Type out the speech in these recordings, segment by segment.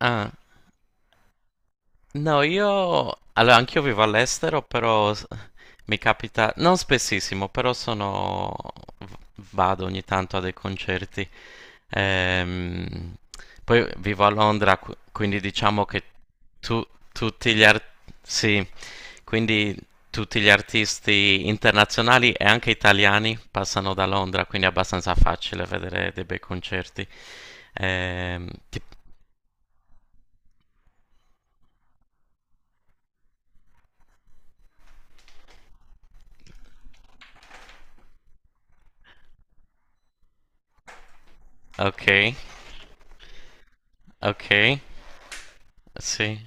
Ah, no, io. Allora, anch'io vivo all'estero, però mi capita. Non spessissimo, però sono, v- vado ogni tanto a dei concerti. Ehm, Poi vivo a Londra, quindi diciamo che tu- tutti gli artisti. Sì, quindi tutti gli artisti internazionali e anche italiani passano da Londra, quindi è abbastanza facile vedere dei bei concerti. Ehm, ti- Ok, ok, sì.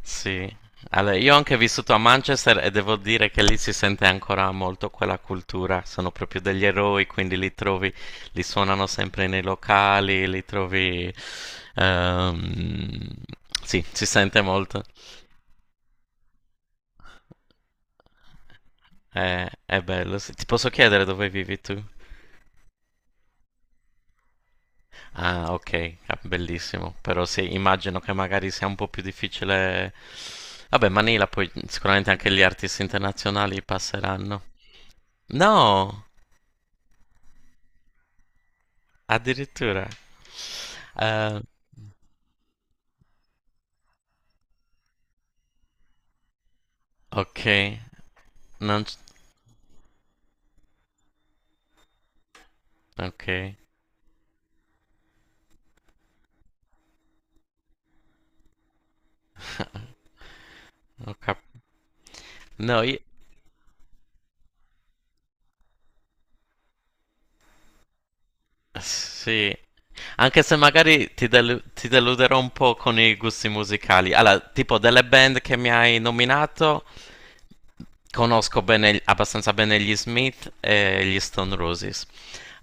Sì, allora, io ho anche vissuto a Manchester e devo dire che lì si sente ancora molto quella cultura, sono proprio degli eroi, quindi li trovi, li suonano sempre nei locali, li trovi, ehm, sì, si sente molto. È bello. Sì, ti posso chiedere dove vivi tu? Ah, ok, ah, bellissimo, però sì, immagino che magari sia un po' più difficile. Vabbè, Manila poi sicuramente anche gli artisti internazionali passeranno. No! Addirittura. Eh, ok, non, ok, ho cap- no, io. Sì, anche se magari ti, ti deluderò un po' con i gusti musicali. Allora, tipo delle band che mi hai nominato, conosco abbastanza bene gli Smith e gli Stone Roses.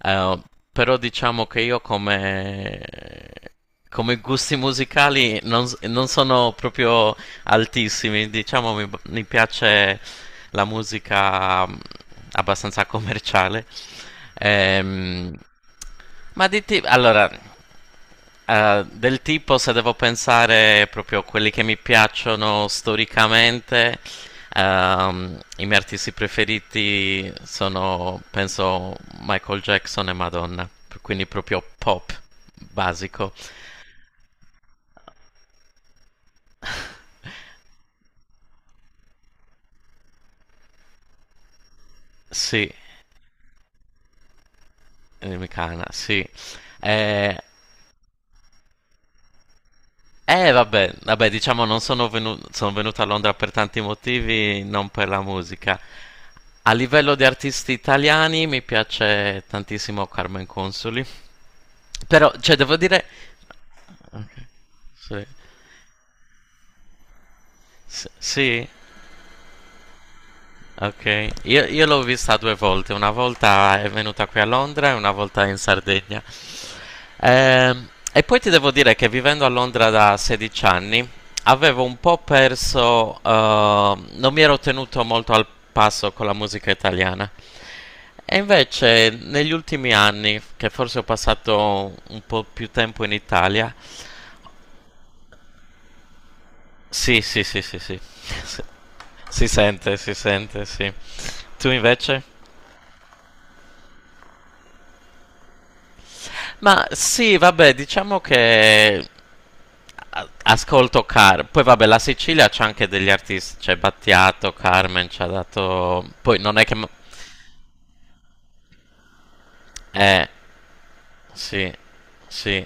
Eh, però diciamo che io come, come gusti musicali, non sono proprio altissimi. Diciamo mi piace la musica, abbastanza commerciale. Ehm, ma di tipo. Allora, del tipo se devo pensare proprio a quelli che mi piacciono storicamente, i miei artisti preferiti sono, penso, Michael Jackson e Madonna. Quindi proprio pop, basico. Sì, mi cana, sì. Eh, Eh vabbè, vabbè, diciamo non sono sono venuto a Londra per tanti motivi, non per la musica. A livello di artisti italiani mi piace tantissimo Carmen Consoli. Però, cioè, devo dire. Ok, sì, sì. Ok, io l'ho vista due volte, una volta è venuta qui a Londra e una volta in Sardegna. E poi ti devo dire che vivendo a Londra da 16 anni avevo un po' perso, non mi ero tenuto molto al passo con la musica italiana. E invece negli ultimi anni, che forse ho passato un po' più tempo in Italia, sì, sì, sì, sì, sì. Si sente, si sente, sì. Tu invece? Ma sì, vabbè, diciamo che ascolto Car. Poi vabbè, la Sicilia c'ha anche degli artisti, c'è Battiato, Carmen ci ha dato. Poi non è che Eh, sì, sì.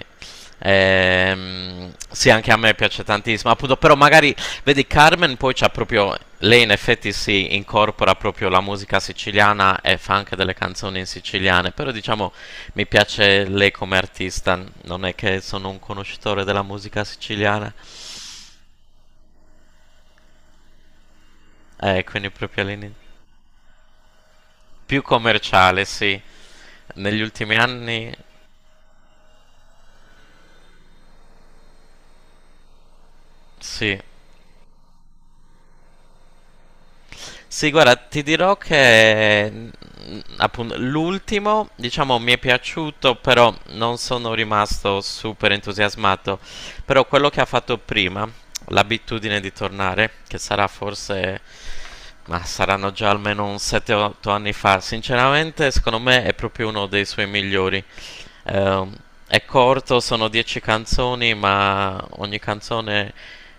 Sì, anche a me piace tantissimo, appunto, però magari, vedi, Carmen poi c'ha proprio, lei in effetti si incorpora proprio la musica siciliana e fa anche delle canzoni in siciliane, però diciamo mi piace lei come artista, non è che sono un conoscitore della musica siciliana, quindi proprio all'inizio. Più commerciale, sì, negli ultimi anni, sì. Sì, guarda, ti dirò che, appunto l'ultimo, diciamo, mi è piaciuto, però non sono rimasto super entusiasmato. Però quello che ha fatto prima, l'abitudine di tornare, che sarà forse, ma saranno già almeno un 7-8 anni fa, sinceramente, secondo me è proprio uno dei suoi migliori. Ehm, è corto, sono 10 canzoni, ma ogni canzone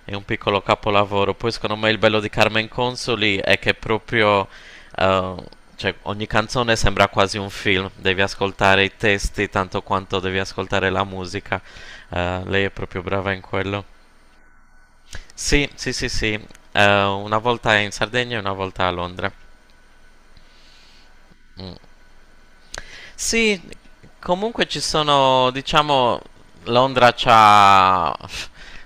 è un piccolo capolavoro. Poi secondo me il bello di Carmen Consoli è che proprio, eh, cioè, ogni canzone sembra quasi un film, devi ascoltare i testi tanto quanto devi ascoltare la musica. Lei è proprio brava in quello. Sì, sì, sì, sì. Una volta in Sardegna e una volta a Londra. Mm. Sì, comunque ci sono, diciamo, Londra c'ha,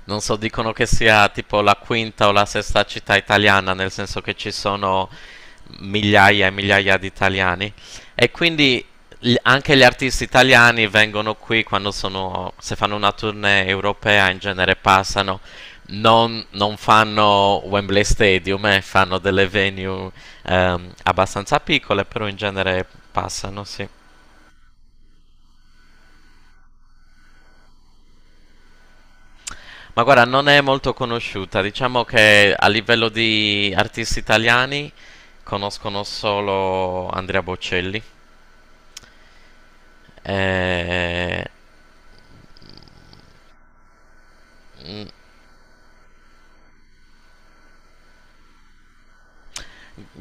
non so, dicono che sia tipo la quinta o la sesta città italiana, nel senso che ci sono migliaia e migliaia di italiani e quindi anche gli artisti italiani vengono qui quando sono, se fanno una tournée europea in genere passano, non fanno Wembley Stadium, fanno delle venue, abbastanza piccole, però in genere passano, sì. Ma guarda, non è molto conosciuta, diciamo che a livello di artisti italiani conoscono solo Andrea Bocelli. Eh,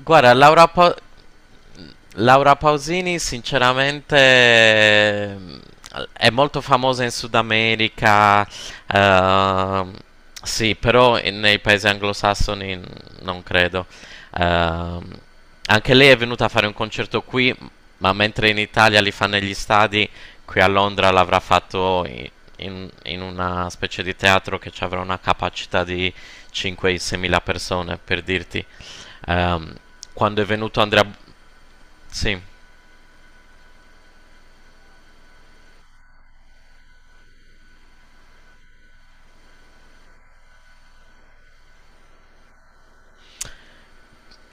guarda, Laura Pausini, sinceramente, è molto famosa in Sud America, ehm, sì, però nei paesi anglosassoni non credo. Ehm, Anche lei è venuta a fare un concerto qui, ma mentre in Italia li fa negli stadi, qui a Londra l'avrà fatto in una specie di teatro che ci avrà una capacità di 5-6 mila persone, per dirti. Ehm, Quando è venuto Andrea. Sì.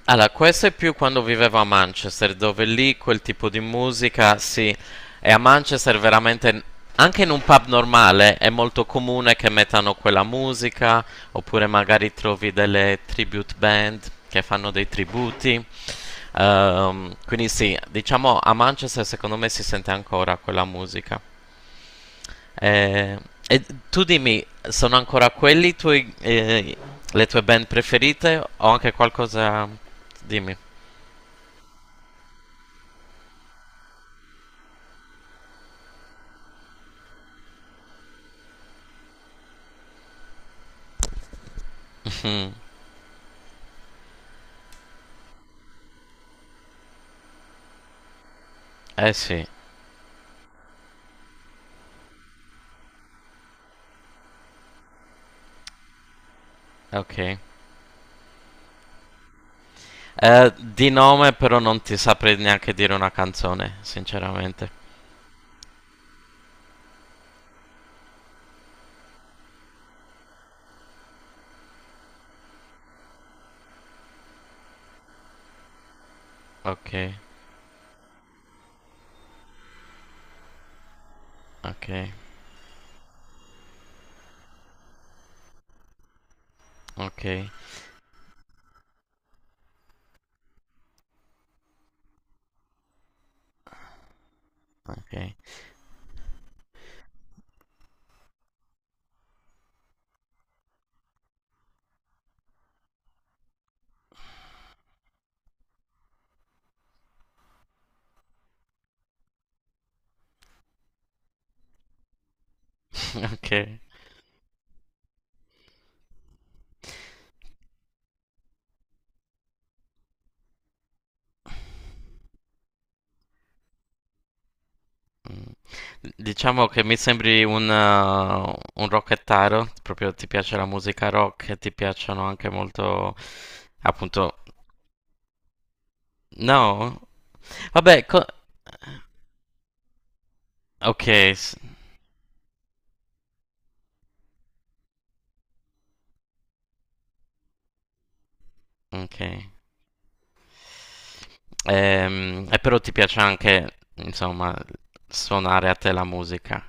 Allora, questo è più quando vivevo a Manchester, dove lì quel tipo di musica, sì, e a Manchester veramente, anche in un pub normale, è molto comune che mettano quella musica, oppure magari trovi delle tribute band che fanno dei tributi. Quindi sì, diciamo a Manchester secondo me si sente ancora quella musica. Eh, e tu dimmi, sono ancora quelli i tuoi, le tue band preferite o anche qualcosa. Dimmi. Hmm. Eh sì, ok. Di nome però non ti saprei neanche dire una canzone, sinceramente. Ok, ok, ok, ok, ok. Mm. Diciamo che mi sembri un rockettaro, proprio ti piace la musica rock e ti piacciono anche molto, appunto, no? Vabbè, ok, ok. E però ti piace anche, insomma, suonare a te la musica,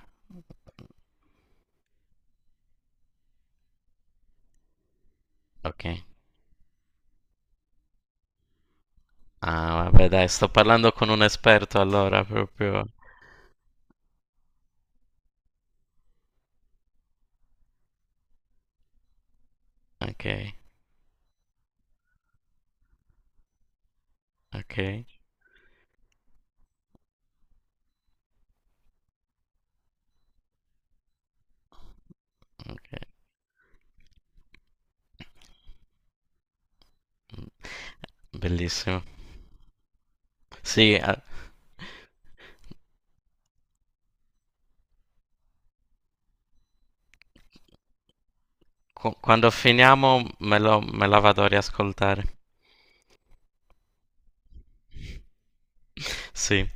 ok? Ah, vabbè, dai, sto parlando con un esperto allora, proprio. Ok, ok, ok, bellissimo. Sì, quando finiamo me lo, me la vado a riascoltare. Sì.